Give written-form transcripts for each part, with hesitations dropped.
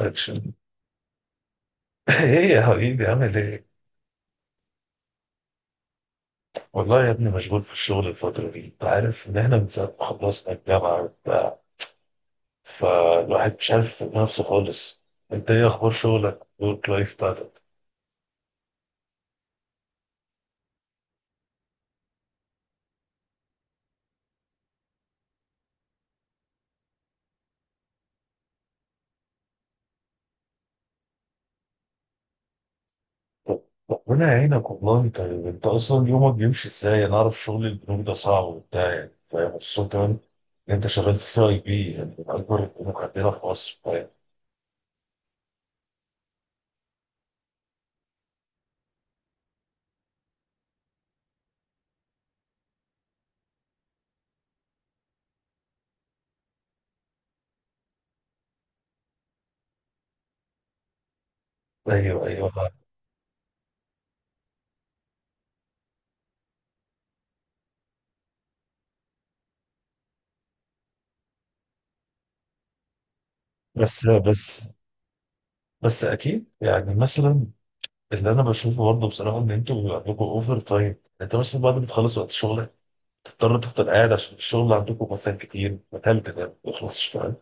اكشن. ايه يا حبيبي عامل ايه؟ والله يا ابني مشغول في الشغل الفترة دي، انت عارف ان احنا من ساعة ما خلصنا الجامعة وبتاع، فالواحد مش عارف يفهم نفسه خالص، انت ايه اخبار شغلك؟ الورك لايف بتاعتك؟ طب- ربنا يعينك والله انت اصلا يومك بيمشي ازاي؟ انا اعرف شغل البنوك ده صعب وبتاع يعني، فاهم خصوصا كمان ان انت شغال في سي اي بي يعني من اكبر البنوك عندنا في مصر، فاهم؟ ايوه ايوه. بس بس بس اكيد يعني مثلا اللي انا بشوفه برضه بصراحه ان انتوا بيبقى عندكم اوفر تايم، انت مثلا بعد ما تخلص وقت شغلك تضطر تفضل قاعد عشان الشغل عندكم مثلا كتير متهل تنام ما يخلصش فاهم.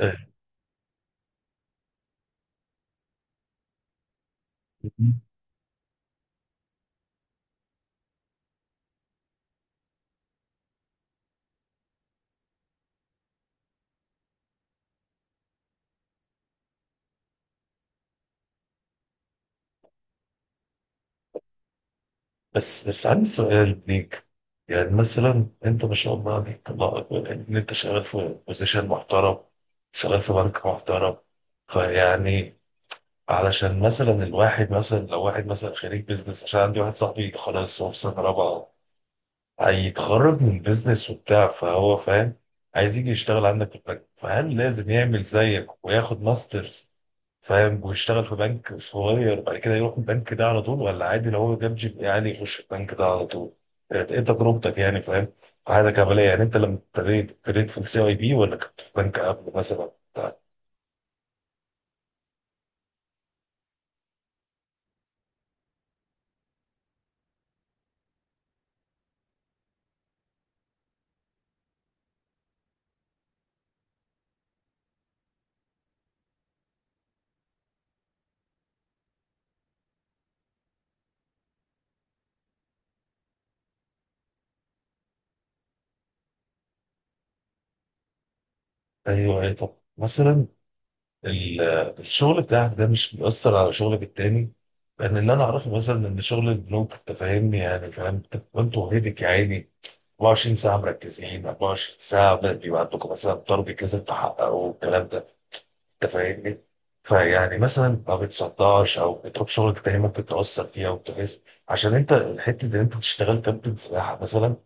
آه، بس بس عندي سؤال ليك، يعني مثلا انت ما شاء الله عليك الله اكبر يعني ان انت شغال في بوزيشن محترم، شغال في بنك محترم، فيعني علشان مثلا الواحد مثلا لو واحد مثلا خريج بيزنس، عشان عندي واحد صاحبي خلاص هو في سنه رابعه، هيتخرج من بيزنس وبتاع فهو فاهم عايز يجي يشتغل عندك في البنك، فهل لازم يعمل زيك وياخد ماسترز فاهم ويشتغل في بنك صغير بعد كده يروح البنك ده على طول، ولا عادي لو هو جاب جي بي عالي يخش البنك ده على طول؟ ايه تجربتك يعني فاهم، في حياتك العملية يعني انت لما ابتديت في السي اي بي، ولا كنت في بنك قبل مثلا بتاع؟ ايوه اي طب مثلا ال- الشغل بتاعك ده مش بيأثر على شغلك التاني؟ لأن اللي أنا أعرفه مثلا إن شغل البنوك أنت فاهمني يعني فاهم، أنت أنتوا هيدك يا عيني 24 ساعة مركزين، 24 ساعة بيبقى عندكم مثلا تارجت لازم تحققه والكلام ده، أنت فاهمني، فيعني مثلا ما بتصدعش أو بتروح شغلك التاني ممكن تأثر فيها وتحس، عشان أنت حتة إن أنت تشتغل كابتن سباحة مثلا،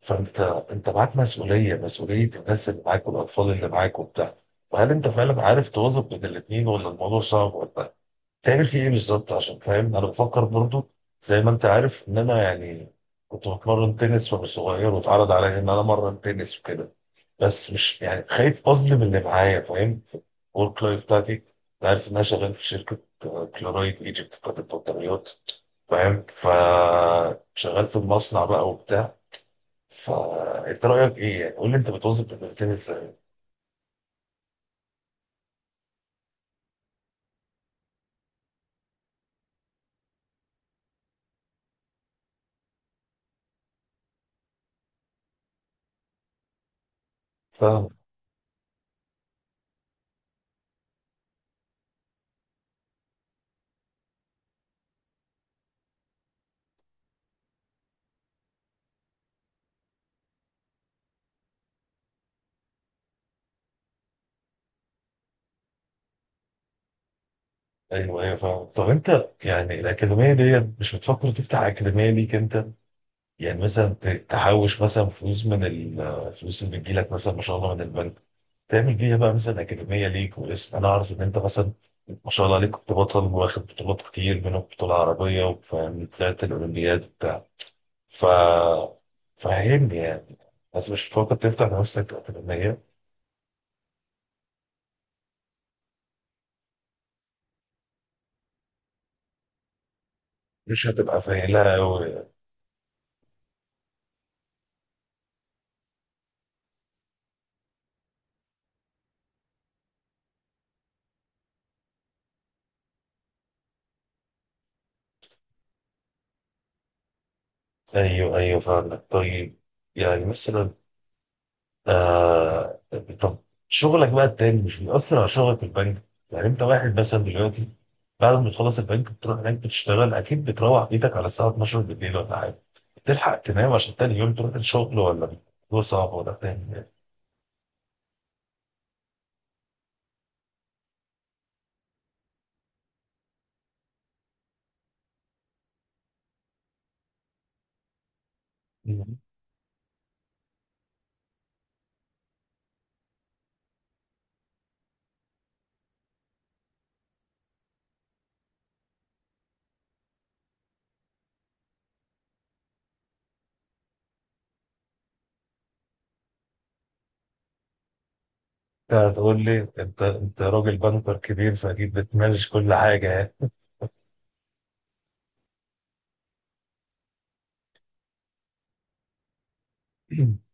فانت معاك مسؤوليه الناس اللي معاك والاطفال اللي معاك وبتاع، فهل انت فعلا عارف توظف بين الاثنين، ولا الموضوع صعب، ولا تعمل فيه ايه بالظبط؟ عشان فاهم انا بفكر برضو، زي ما انت عارف ان انا يعني كنت بتمرن تنس وانا صغير، واتعرض عليا ان انا امرن تنس وكده، بس مش يعني خايف اظلم اللي معايا فاهم، في الورك لايف بتاعتي انت عارف ان انا شغال في شركه كلورايد ايجيبت بتاعت البطاريات فاهم، فشغال في المصنع بقى وبتاع، فانت رايك ايه؟ يعني قول لي انت بتوظف البلدتين ازاي؟ فاهم. ايوه ايوه فاهم. طب انت يعني الاكاديميه ديت مش بتفكر تفتح اكاديميه ليك انت؟ يعني مثلا تحوش مثلا فلوس من الفلوس اللي بتجيلك مثلا ما شاء الله من البنك، تعمل بيها بقى مثلا اكاديميه ليك، واسم انا اعرف ان انت مثلا ما شاء الله عليك كنت بطل واخد بطولات كتير منهم بطوله عربيه وفاهم طلعت الاولمبياد وبتاع، ف فهمني يعني، بس مش بتفكر تفتح لنفسك اكاديميه؟ مش هتبقى فايلة أوي؟ ايوه ايوه فاهمك. طيب، يعني مثلا آه طب شغلك بقى التاني مش بيأثر على شغلك في البنك؟ يعني انت واحد مثلا دلوقتي بعد ما تخلص البنك بتروح هناك بتشتغل، اكيد بتروح بيتك على الساعه 12 بالليل ولا حاجه، تلحق تنام عشان تاني يوم تروح الشغل، ولا الموضوع صعب، ولا بتعمل ايه؟ مم. انت هتقول لي انت راجل بنكر كبير فاكيد بتمانج كل حاجه يعني.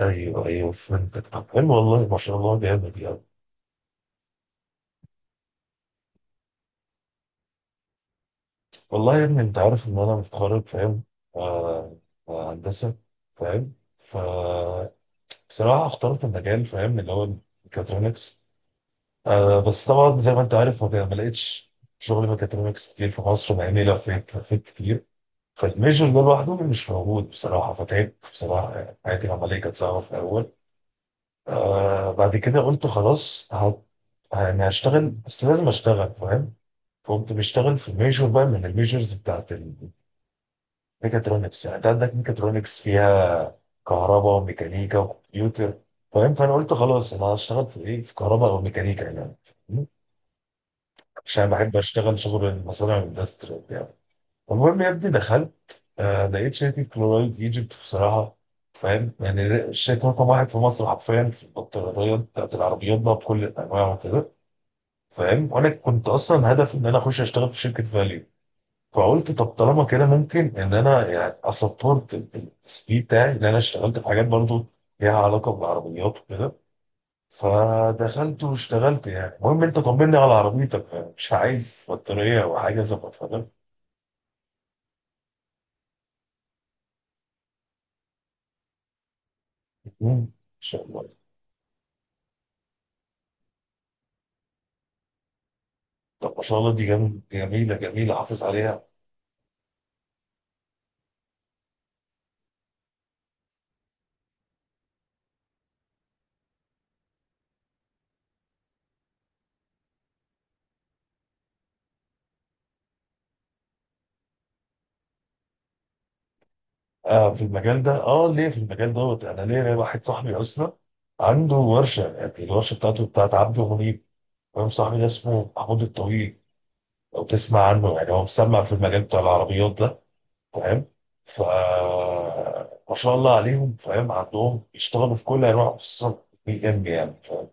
ايوه ايوه فهمتك. طب حلو والله ما شاء الله جامد يعني. والله يا ابني انت عارف ان انا متخرج فاهم، آه، هندسه فاهم، فبصراحه اخترت المجال فاهم اللي هو الميكاترونكس، بس طبعا زي ما انت عارف ما لقيتش شغل ميكاترونكس كتير في مصر، مع اني لفيت لفيت كتير، فالميجر ده لوحده مش موجود بصراحه، فتعبت بصراحه يعني حياتي العمليه كانت صعبه في الاول، بعد كده قلت خلاص يعني هشتغل بس لازم اشتغل فاهم، فقمت بشتغل في الميجور بقى من الميجرز بتاعت ميكاترونكس، يعني انت عندك ميكاترونكس فيها كهرباء وميكانيكا وكمبيوتر فاهم، فانا قلت خلاص انا هشتغل في ايه، في كهرباء او ميكانيكا يعني. م? عشان بحب اشتغل شغل المصانع الاندستري وبتاع. المهم يا ابني دخلت لقيت شركه كلورايد ايجيبت بصراحه فاهم، يعني الشركه رقم واحد في مصر حرفيا في البطاريات بتاعت العربيات بقى بكل الانواع وكده فاهم، وانا كنت اصلا هدفي ان انا اخش اشتغل في شركه فاليو، فقلت طب طالما كده ممكن ان انا يعني اسبورت السي في بتاعي ان انا اشتغلت في حاجات برضو ليها علاقه بالعربيات وكده، فدخلت واشتغلت يعني. المهم انت طمني على عربيتك، يعني مش عايز بطاريه او حاجه ظبطها لك؟ مم. ان شاء الله. طب ما شاء الله دي جميله جميله، حافظ عليها. آه في المجال ده، ليه، في المجال دوت، انا ليه واحد صاحبي اصلا عنده ورشه يعني، الورشه بتاعته بتاعت عبد منيب فاهم، صاحبي ده اسمه محمود الطويل، لو تسمع عنه يعني هو مسمع في المجال بتاع العربيات ده فاهم. ف ما شاء الله عليهم فاهم، عندهم يشتغلوا في كل انواع خصوصا بي ام يعني فاهم،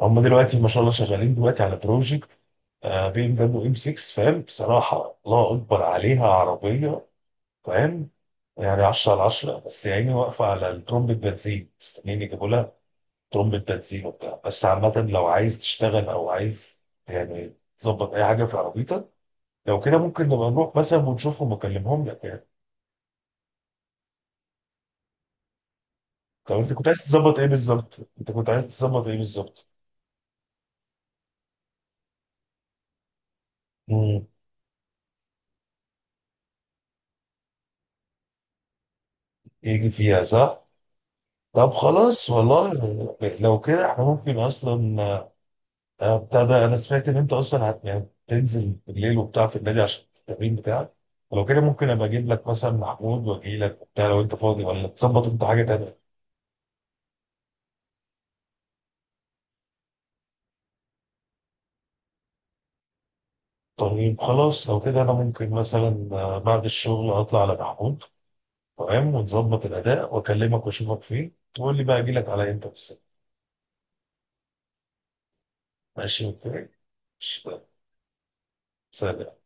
هم دلوقتي ما شاء الله شغالين دلوقتي على بروجكت بي ام دبليو ام 6 فاهم، بصراحه الله اكبر عليها عربيه فاهم، يعني 10 على 10، بس يعني واقفه على الترمبة بنزين مستنيين يجيبوا لها ترمبة بنزين وبتاع، بس عامه لو عايز تشتغل او عايز يعني تظبط اي حاجه في عربيتك، لو كده ممكن نبقى نروح مثلا ونشوفهم ونكلمهم لك يعني. طب انت كنت عايز تظبط ايه بالظبط؟ انت كنت عايز تظبط ايه بالظبط؟ امم يجي فيها صح؟ طب خلاص والله، لو كده احنا ممكن اصلا بتاع ده انا سمعت ان انت اصلا هت يعني تنزل بالليل وبتاع في النادي عشان التمرين بتاعك، ولو كده ممكن ابقى اجيب لك مثلا محمود واجي لك وبتاع لو انت فاضي، ولا تظبط انت حاجه تانيه؟ طيب خلاص لو كده انا ممكن مثلا بعد الشغل اطلع على محمود فاهم، ونظبط الاداء واكلمك واشوفك فين تقول لي بقى اجي لك على امتى بالظبط. ماشي اوكي، ماشي، يلا، سلام.